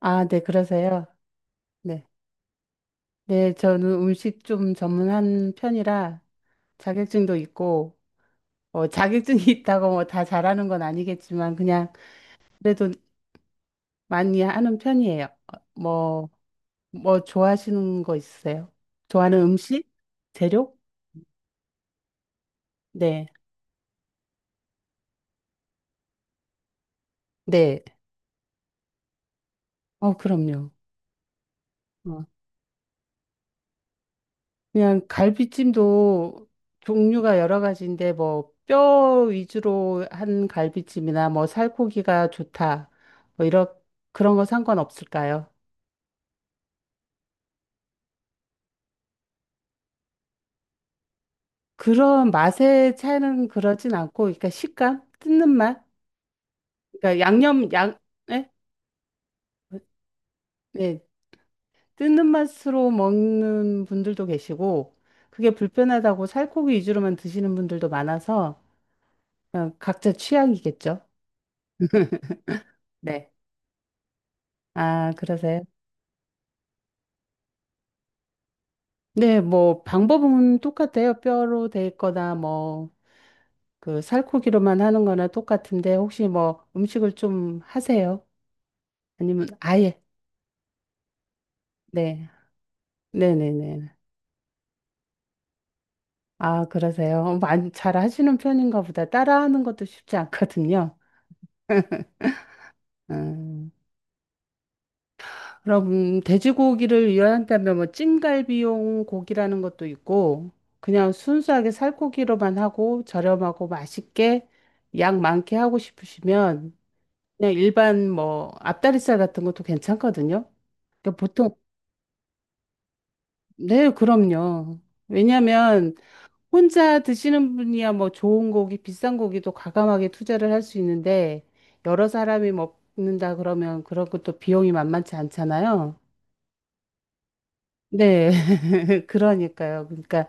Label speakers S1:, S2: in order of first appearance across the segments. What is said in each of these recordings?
S1: 아, 네, 그러세요. 네. 네, 저는 음식 좀 전문한 편이라 자격증도 있고, 자격증이 있다고 뭐 다 잘하는 건 아니겠지만, 그냥 그래도 많이 하는 편이에요. 뭐, 뭐 좋아하시는 거 있으세요? 좋아하는 음식? 재료? 네. 네. 그럼요. 어. 그냥 갈비찜도 종류가 여러 가지인데 뭐 뼈 위주로 한 갈비찜이나 뭐 살코기가 좋다. 뭐 이런 그런 거 상관없을까요? 그런 맛의 차이는 그러진 않고, 그러니까 식감, 뜯는 맛. 그러니까 양념 양, 네? 네. 뜯는 맛으로 먹는 분들도 계시고, 그게 불편하다고 살코기 위주로만 드시는 분들도 많아서 그냥 각자 취향이겠죠. 네. 아, 그러세요? 네, 뭐 방법은 똑같아요. 뼈로 돼 있거나 뭐 그 살코기로만 하는 거나 똑같은데, 혹시 뭐 음식을 좀 하세요? 아니면 아예, 네. 네네네. 아, 그러세요. 많이 잘 하시는 편인가 보다. 따라하는 것도 쉽지 않거든요. 음, 그럼 돼지고기를 이용한다면 뭐 찜갈비용 고기라는 것도 있고, 그냥 순수하게 살코기로만 하고 저렴하고 맛있게 양 많게 하고 싶으시면 그냥 일반 뭐 앞다리살 같은 것도 괜찮거든요. 그러니까 보통, 네, 그럼요. 왜냐하면 혼자 드시는 분이야 뭐 좋은 고기, 비싼 고기도 과감하게 투자를 할 수 있는데, 여러 사람이 먹는다 그러면 그런 것도 비용이 만만치 않잖아요. 네, 그러니까요. 그러니까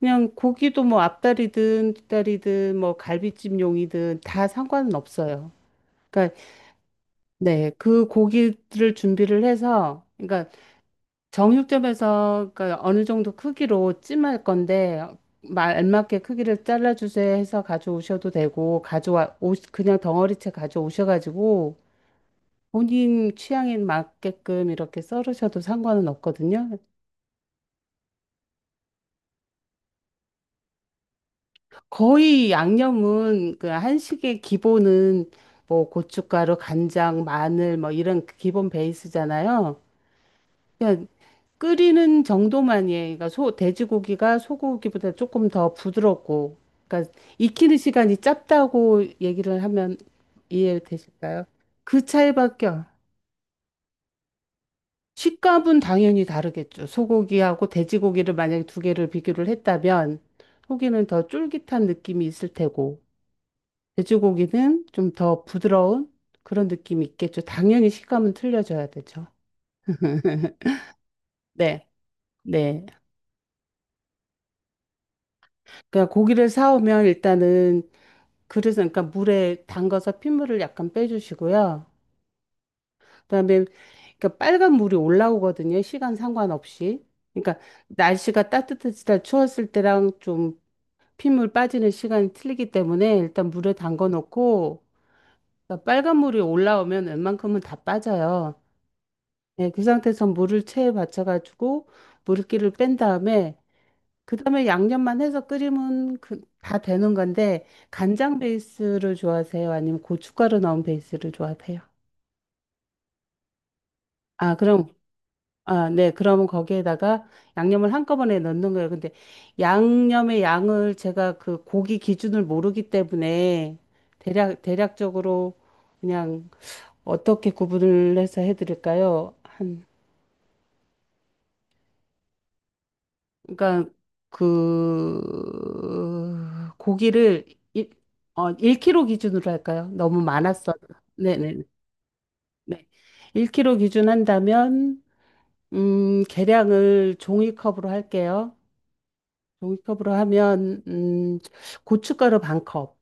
S1: 그냥 고기도 뭐 앞다리든 뒷다리든 뭐 갈비찜용이든 다 상관은 없어요. 그러니까 네, 그 고기를 준비를 해서, 그러니까 정육점에서 그러니까 어느 정도 크기로 찜할 건데 말 알맞게 크기를 잘라주세요 해서 가져오셔도 되고, 그냥 덩어리째 가져오셔가지고 본인 취향에 맞게끔 이렇게 썰으셔도 상관은 없거든요. 거의 양념은, 그 한식의 기본은 뭐 고춧가루, 간장, 마늘 뭐 이런 기본 베이스잖아요. 끓이는 정도만이에요. 그러니까 돼지고기가 소고기보다 조금 더 부드럽고, 그러니까 익히는 시간이 짧다고 얘기를 하면 이해되실까요? 그 차이밖에. 식감은 당연히 다르겠죠. 소고기하고 돼지고기를 만약에 두 개를 비교를 했다면, 소고기는 더 쫄깃한 느낌이 있을 테고, 돼지고기는 좀 더 부드러운 그런 느낌이 있겠죠. 당연히 식감은 틀려져야 되죠. 네, 네. 그러니까 고기를 사오면 일단은, 그래서 그러니까 물에 담가서 핏물을 약간 빼주시고요. 그다음에 그러니까 빨간 물이 올라오거든요. 시간 상관없이. 그러니까 날씨가 따뜻해지다 추웠을 때랑 좀 핏물 빠지는 시간이 틀리기 때문에 일단 물에 담궈 놓고, 그러니까 빨간 물이 올라오면 웬만큼은 다 빠져요. 예, 그 상태에서 물을 체에 받쳐가지고 물기를 뺀 다음에, 그다음에 양념만 해서 끓이면 그, 다 되는 건데, 간장 베이스를 좋아하세요? 아니면 고춧가루 넣은 베이스를 좋아하세요? 아, 그럼, 아, 네. 그러면 거기에다가 양념을 한꺼번에 넣는 거예요. 근데 양념의 양을 제가 그 고기 기준을 모르기 때문에, 대략적으로 그냥 어떻게 구분을 해서 해 드릴까요? 그러니까 그 고기를 일, 1kg 기준으로 할까요? 너무 많았어. 네네네. 네. 1kg 기준 한다면 계량을 종이컵으로 할게요. 종이컵으로 하면 고춧가루 반 컵.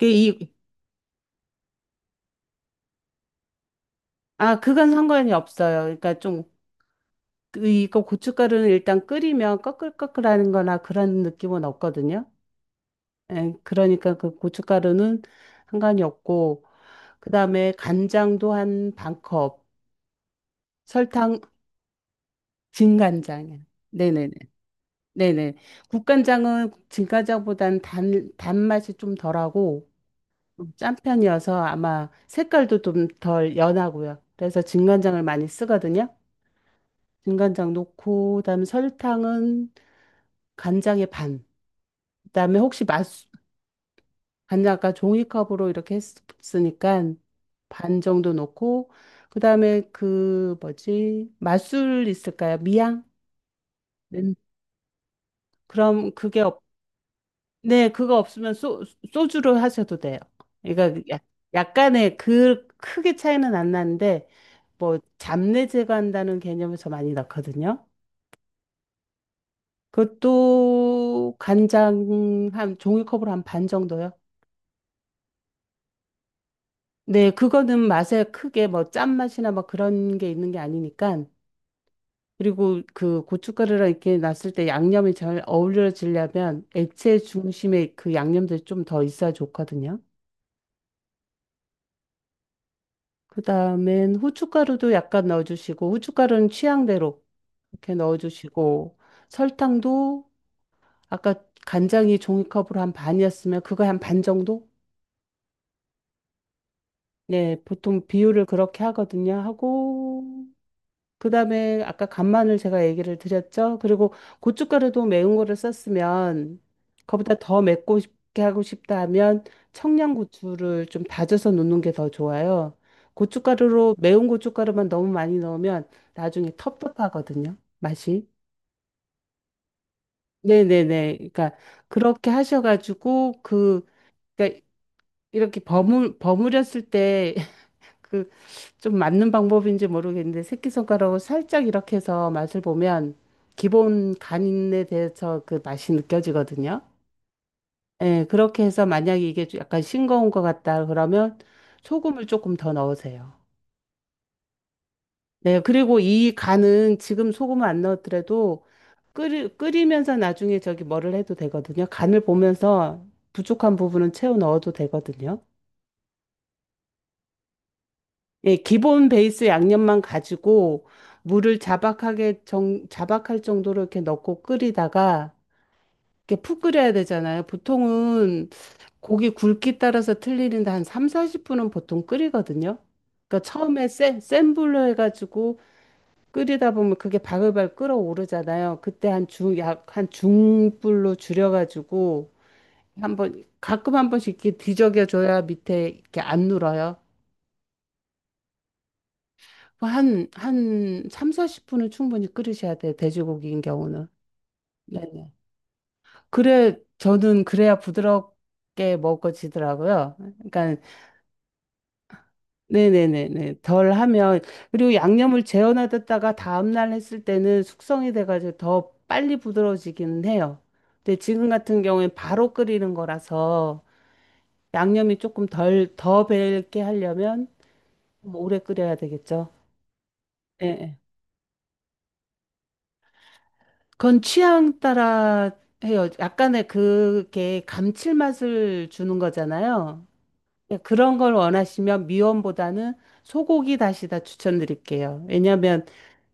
S1: 이게 이, 아, 그건 상관이 없어요. 그러니까 좀 이거 고춧가루는 일단 끓이면 꺼끌꺼끌하는 거나 그런 느낌은 없거든요. 예, 그러니까 그 고춧가루는 상관이 없고, 그다음에 간장도 한 반 컵, 설탕, 진간장이, 네네네. 네네. 국간장은 진간장보단 단맛이 좀 덜하고 좀 짠 편이어서 아마 색깔도 좀 덜 연하고요. 그래서 진간장을 많이 쓰거든요. 진간장 넣고, 그다음에 설탕은 간장의 반. 그다음에 혹시 맛, 반을 아까 종이컵으로 이렇게 했으니까 반 정도 넣고, 그다음에 그 뭐지? 맛술 있을까요? 미양? 네. 그럼 그게 없, 네, 그거 없으면 소주로 하셔도 돼요. 그러니까 야- 약간의 그 크게 차이는 안 나는데 뭐 잡내 제거한다는 개념에서 많이 넣거든요. 그것도 간장 한 종이컵으로 한 반 정도요. 네, 그거는 맛에 크게 뭐 짠맛이나 뭐 그런 게 있는 게 아니니까. 그리고 그 고춧가루랑 이렇게 놨을 때 양념이 잘 어우러지려면 액체 중심에 그 양념들이 좀 더 있어야 좋거든요. 그 다음엔 후춧가루도 약간 넣어주시고, 후춧가루는 취향대로 이렇게 넣어주시고, 설탕도, 아까 간장이 종이컵으로 한 반이었으면 그거 한 반 정도? 네, 보통 비율을 그렇게 하거든요. 하고, 그다음에 아까 간마늘 제가 얘기를 드렸죠. 그리고 고춧가루도 매운 거를 썼으면 그보다 더 맵고 싶게 하고 싶다 하면 청양고추를 좀 다져서 넣는 게 더 좋아요. 고춧가루로 매운 고춧가루만 너무 많이 넣으면 나중에 텁텁하거든요. 맛이. 네네네. 그러니까 그렇게 하셔가지고 그, 그러니까 이렇게 버무렸을 때 그, 좀 맞는 방법인지 모르겠는데 새끼손가락으로 살짝 이렇게 해서 맛을 보면 기본 간에 대해서 그 맛이 느껴지거든요. 예, 그렇게 해서 만약에 이게 좀 약간 싱거운 것 같다 그러면 소금을 조금 더 넣으세요. 네, 그리고 이 간은 지금 소금을 안 넣었더라도 끓이면서 나중에 저기 뭐를 해도 되거든요. 간을 보면서 부족한 부분은 채워 넣어도 되거든요. 예, 기본 베이스 양념만 가지고 물을 자박하게, 자박할 정도로 이렇게 넣고 끓이다가 이렇게 푹 끓여야 되잖아요. 보통은 고기 굵기 따라서 틀리는데 한 3, 40분은 보통 끓이거든요. 그러니까 처음에 센 불로 해가지고 끓이다 보면 그게 바글바글 끓어오르잖아요. 그때 한 중불로 줄여가지고 한번, 가끔 한 번씩 이렇게 뒤적여줘야 밑에 이렇게 안 눌어요. 뭐 한 3, 40분은 충분히 끓이셔야 돼요. 돼지고기인 경우는. 네네. 그래, 저는 그래야 부드럽게 먹어지더라고요. 그러니까, 네네네네. 덜 하면, 그리고 양념을 재워놔뒀다가 다음날 했을 때는 숙성이 돼가지고 더 빨리 부드러워지기는 해요. 근데 지금 같은 경우엔 바로 끓이는 거라서 양념이 조금 더 배게 하려면 좀 오래 끓여야 되겠죠. 네. 그건 취향 따라 해요. 약간의 그게 감칠맛을 주는 거잖아요. 예, 그런 걸 원하시면 미원보다는 소고기 다시다 추천드릴게요. 왜냐하면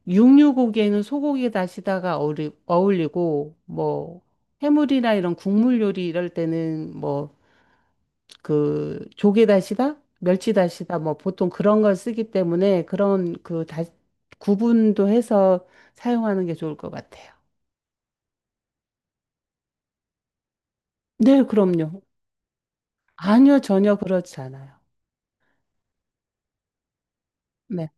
S1: 육류고기에는 소고기 다시다가 어울리고 뭐 해물이나 이런 국물 요리 이럴 때는 뭐 그 조개 다시다, 멸치 다시다 뭐 보통 그런 걸 쓰기 때문에 그런 그 다, 구분도 해서 사용하는 게 좋을 것 같아요. 네, 그럼요. 아니요, 전혀 그렇지 않아요. 네.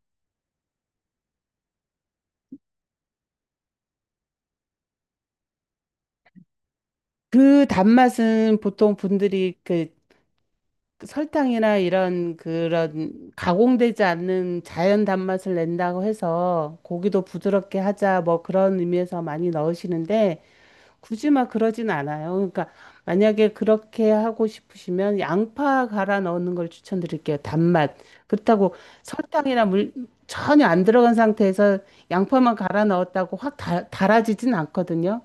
S1: 그 단맛은 보통 분들이 그 설탕이나 이런 그런 가공되지 않는 자연 단맛을 낸다고 해서 고기도 부드럽게 하자 뭐 그런 의미에서 많이 넣으시는데 굳이 막 그러진 않아요. 그러니까 만약에 그렇게 하고 싶으시면 양파 갈아 넣는 걸 추천드릴게요. 단맛. 그렇다고 설탕이나 물 전혀 안 들어간 상태에서 양파만 갈아 넣었다고 확 달아지진 않거든요.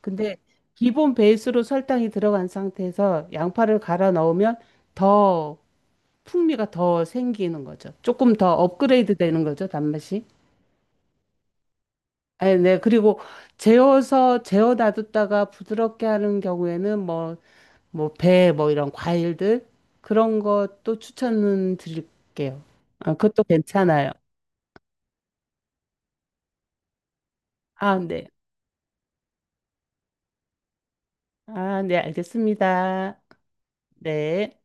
S1: 근데 기본 베이스로 설탕이 들어간 상태에서 양파를 갈아 넣으면 더 풍미가 더 생기는 거죠. 조금 더 업그레이드 되는 거죠, 단맛이. 아, 네. 그리고 재워 놔뒀다가 부드럽게 하는 경우에는 뭐, 뭐, 배, 뭐 이런 과일들 그런 것도 추천은 드릴게요. 아, 그것도 괜찮아요. 아, 네. 아, 네. 알겠습니다. 네.